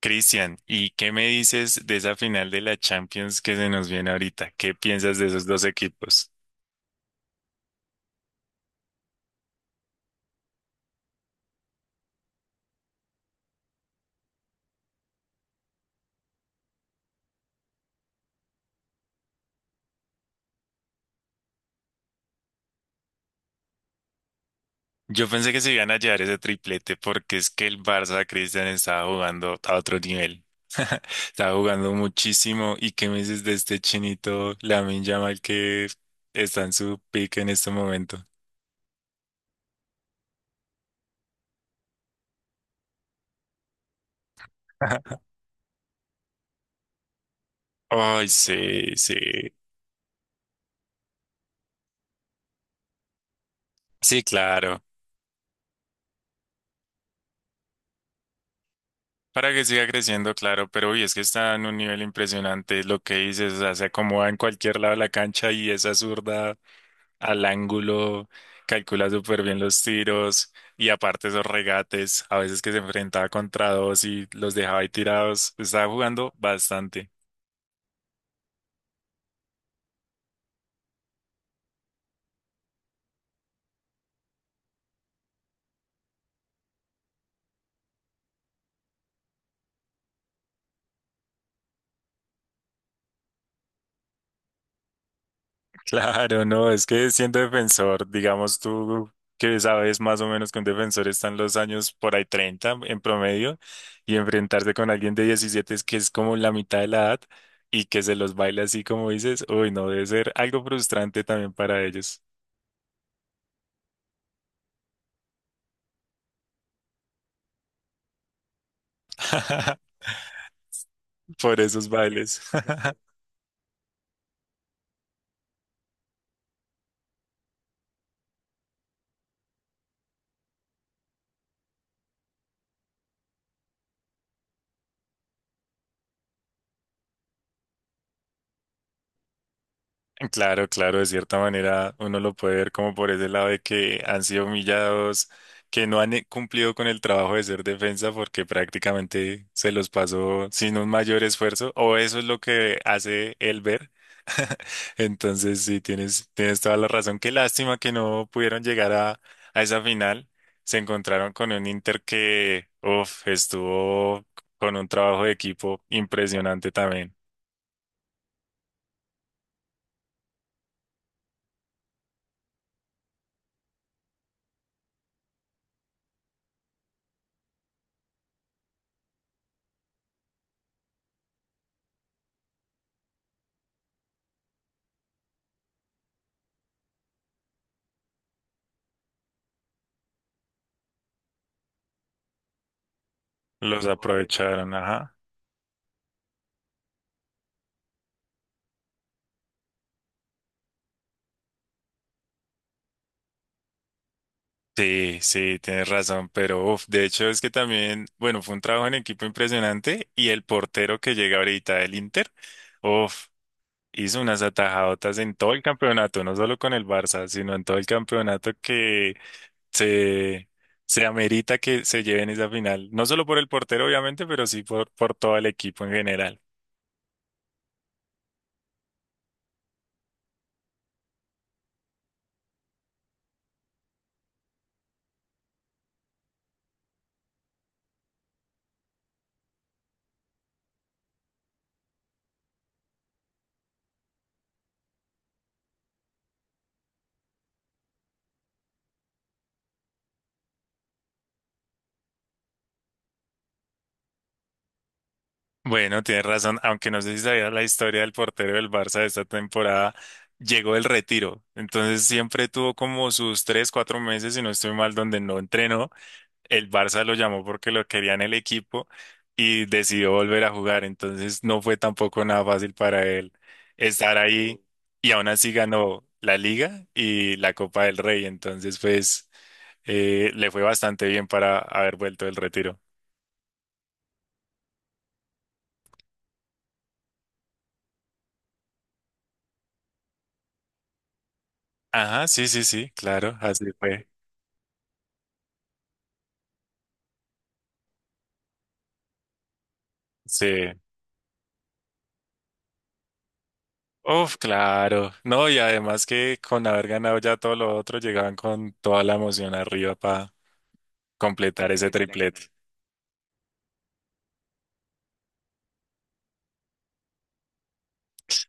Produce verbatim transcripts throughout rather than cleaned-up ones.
Cristian, ¿y qué me dices de esa final de la Champions que se nos viene ahorita? ¿Qué piensas de esos dos equipos? Yo pensé que se iban a llevar ese triplete porque es que el Barça, Cristian, estaba jugando a otro nivel. Estaba jugando muchísimo. ¿Y qué me dices de este chinito Lamine Yamal que está en su pick en este momento? Ay, sí, sí. Sí, claro. Para que siga creciendo, claro, pero hoy es que está en un nivel impresionante lo que dices, o sea, se acomoda en cualquier lado de la cancha y esa zurda al ángulo, calcula súper bien los tiros y aparte esos regates, a veces que se enfrentaba contra dos y los dejaba ahí tirados, estaba jugando bastante. Claro, no, es que siendo defensor, digamos tú que sabes más o menos que un defensor están los años por ahí treinta en promedio y enfrentarse con alguien de diecisiete es que es como la mitad de la edad y que se los baile así como dices, uy, no, debe ser algo frustrante también para ellos por esos bailes. Claro, claro, de cierta manera uno lo puede ver como por ese lado de que han sido humillados, que no han eh, cumplido con el trabajo de ser defensa porque prácticamente se los pasó sin un mayor esfuerzo, o eso es lo que hace él ver. Entonces, sí, tienes, tienes toda la razón. Qué lástima que no pudieron llegar a, a esa final. Se encontraron con un Inter que, uf, estuvo con un trabajo de equipo impresionante también. Los aprovecharon, ajá. Sí, sí, tienes razón, pero uf, de hecho es que también, bueno, fue un trabajo en equipo impresionante y el portero que llega ahorita del Inter, uf, hizo unas atajadotas en todo el campeonato, no solo con el Barça, sino en todo el campeonato que se, se amerita que se lleven esa final, no solo por el portero obviamente, pero sí por, por todo el equipo en general. Bueno, tienes razón, aunque no sé si sabías la historia del portero del Barça de esta temporada, llegó el retiro, entonces siempre tuvo como sus tres, cuatro meses, si no estoy mal, donde no entrenó, el Barça lo llamó porque lo quería en el equipo y decidió volver a jugar, entonces no fue tampoco nada fácil para él estar ahí y aún así ganó la Liga y la Copa del Rey, entonces pues eh, le fue bastante bien para haber vuelto del retiro. Ajá, sí, sí, sí, claro, así fue. Sí. Uf, claro. No, y además que con haber ganado ya todo lo otro, llegaban con toda la emoción arriba para completar ese triplete.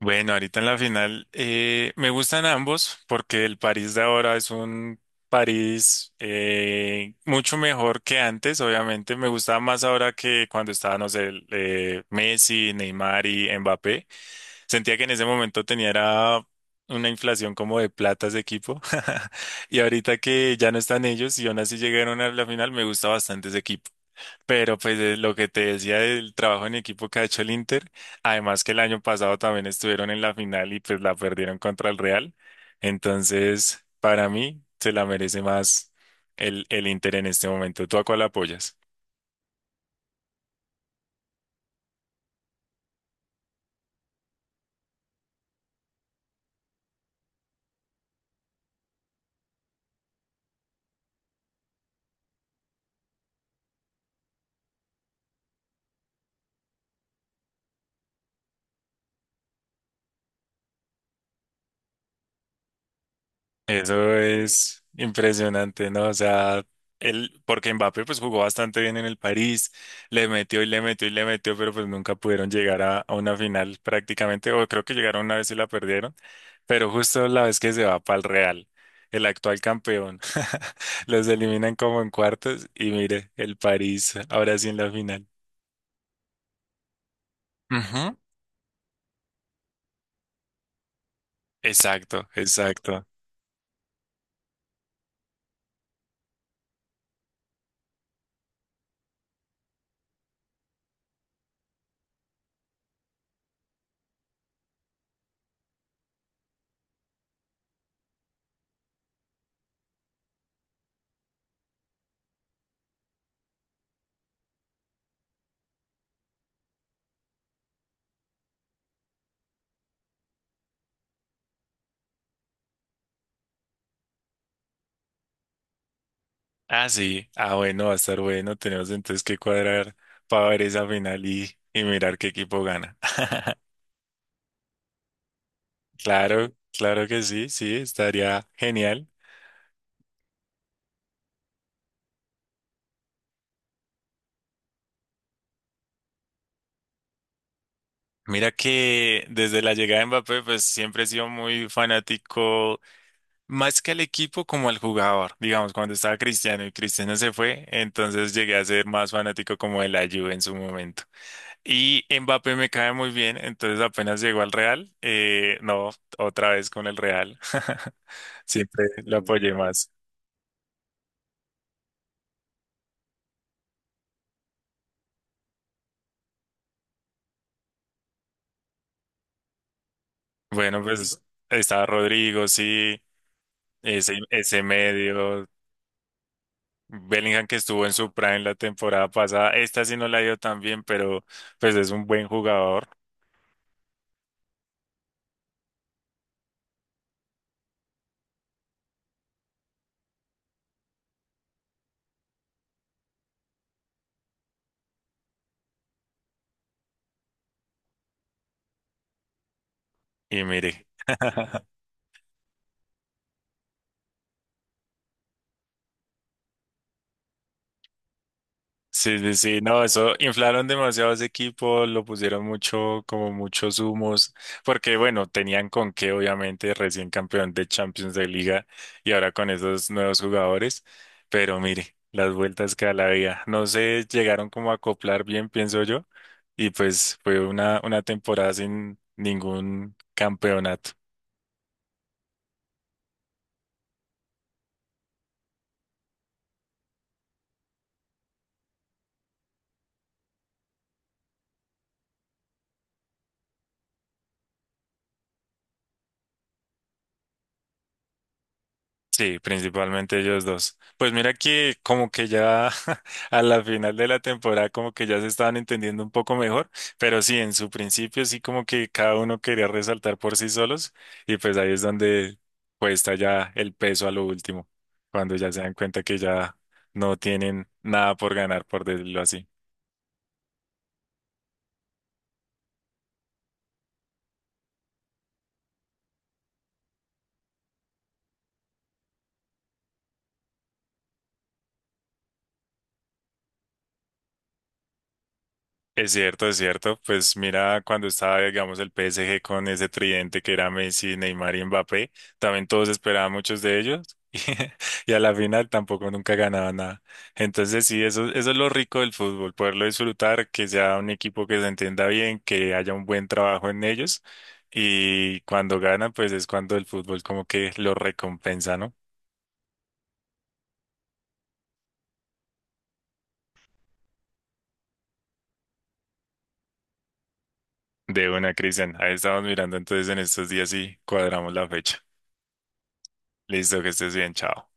Bueno, ahorita en la final eh, me gustan ambos porque el París de ahora es un París eh, mucho mejor que antes. Obviamente me gustaba más ahora que cuando estaba, no sé, el, eh, Messi, Neymar y Mbappé. Sentía que en ese momento tenía era una inflación como de plata ese equipo. Y ahorita que ya no están ellos y aún así llegaron a la final, me gusta bastante ese equipo. Pero pues eh, lo que te decía del trabajo en equipo que ha hecho el Inter, además que el año pasado también estuvieron en la final y pues la perdieron contra el Real. Entonces, para mí se la merece más el, el Inter en este momento. ¿Tú a cuál apoyas? Eso es impresionante, ¿no? O sea, él, porque Mbappé pues jugó bastante bien en el París, le metió y le metió y le metió, pero pues nunca pudieron llegar a, a una final prácticamente, o creo que llegaron una vez y la perdieron, pero justo la vez que se va para el Real, el actual campeón, los eliminan como en cuartos y mire, el París ahora sí en la final. Ujú, exacto, exacto. Ah, sí. Ah, bueno, va a estar bueno. Tenemos entonces que cuadrar para ver esa final y, y mirar qué equipo gana. Claro, claro que sí, sí, estaría genial. Mira que desde la llegada de Mbappé, pues siempre he sido muy fanático, más que al equipo como al jugador. Digamos, cuando estaba Cristiano y Cristiano se fue, entonces llegué a ser más fanático como de la Juve en su momento. Y Mbappé me cae muy bien, entonces apenas llegó al Real, eh, no, otra vez con el Real. Siempre lo apoyé más. Bueno, pues está Rodrigo, sí, ese, ese medio, Bellingham que estuvo en su prime la temporada pasada, esta sí no la dio tan bien, pero pues es un buen jugador y mire. Sí, sí, sí, no, eso inflaron demasiado ese equipo, lo pusieron mucho, como muchos humos, porque bueno, tenían con qué, obviamente, recién campeón de Champions de Liga y ahora con esos nuevos jugadores, pero mire, las vueltas que da la vida, no se llegaron como a acoplar bien, pienso yo, y pues fue una, una temporada sin ningún campeonato. Sí, principalmente ellos dos. Pues mira que como que ya a la final de la temporada como que ya se estaban entendiendo un poco mejor, pero sí, en su principio sí como que cada uno quería resaltar por sí solos y pues ahí es donde cuesta ya el peso a lo último, cuando ya se dan cuenta que ya no tienen nada por ganar, por decirlo así. Es cierto, es cierto. Pues mira, cuando estaba, digamos, el P S G con ese tridente que era Messi, Neymar y Mbappé, también todos esperaban muchos de ellos y, y a la final tampoco nunca ganaban nada. Entonces sí, eso, eso es lo rico del fútbol, poderlo disfrutar, que sea un equipo que se entienda bien, que haya un buen trabajo en ellos y cuando ganan, pues es cuando el fútbol como que lo recompensa, ¿no? De una, Cristian. Ahí estamos mirando entonces en estos días y cuadramos la fecha. Listo, que estés bien, chao.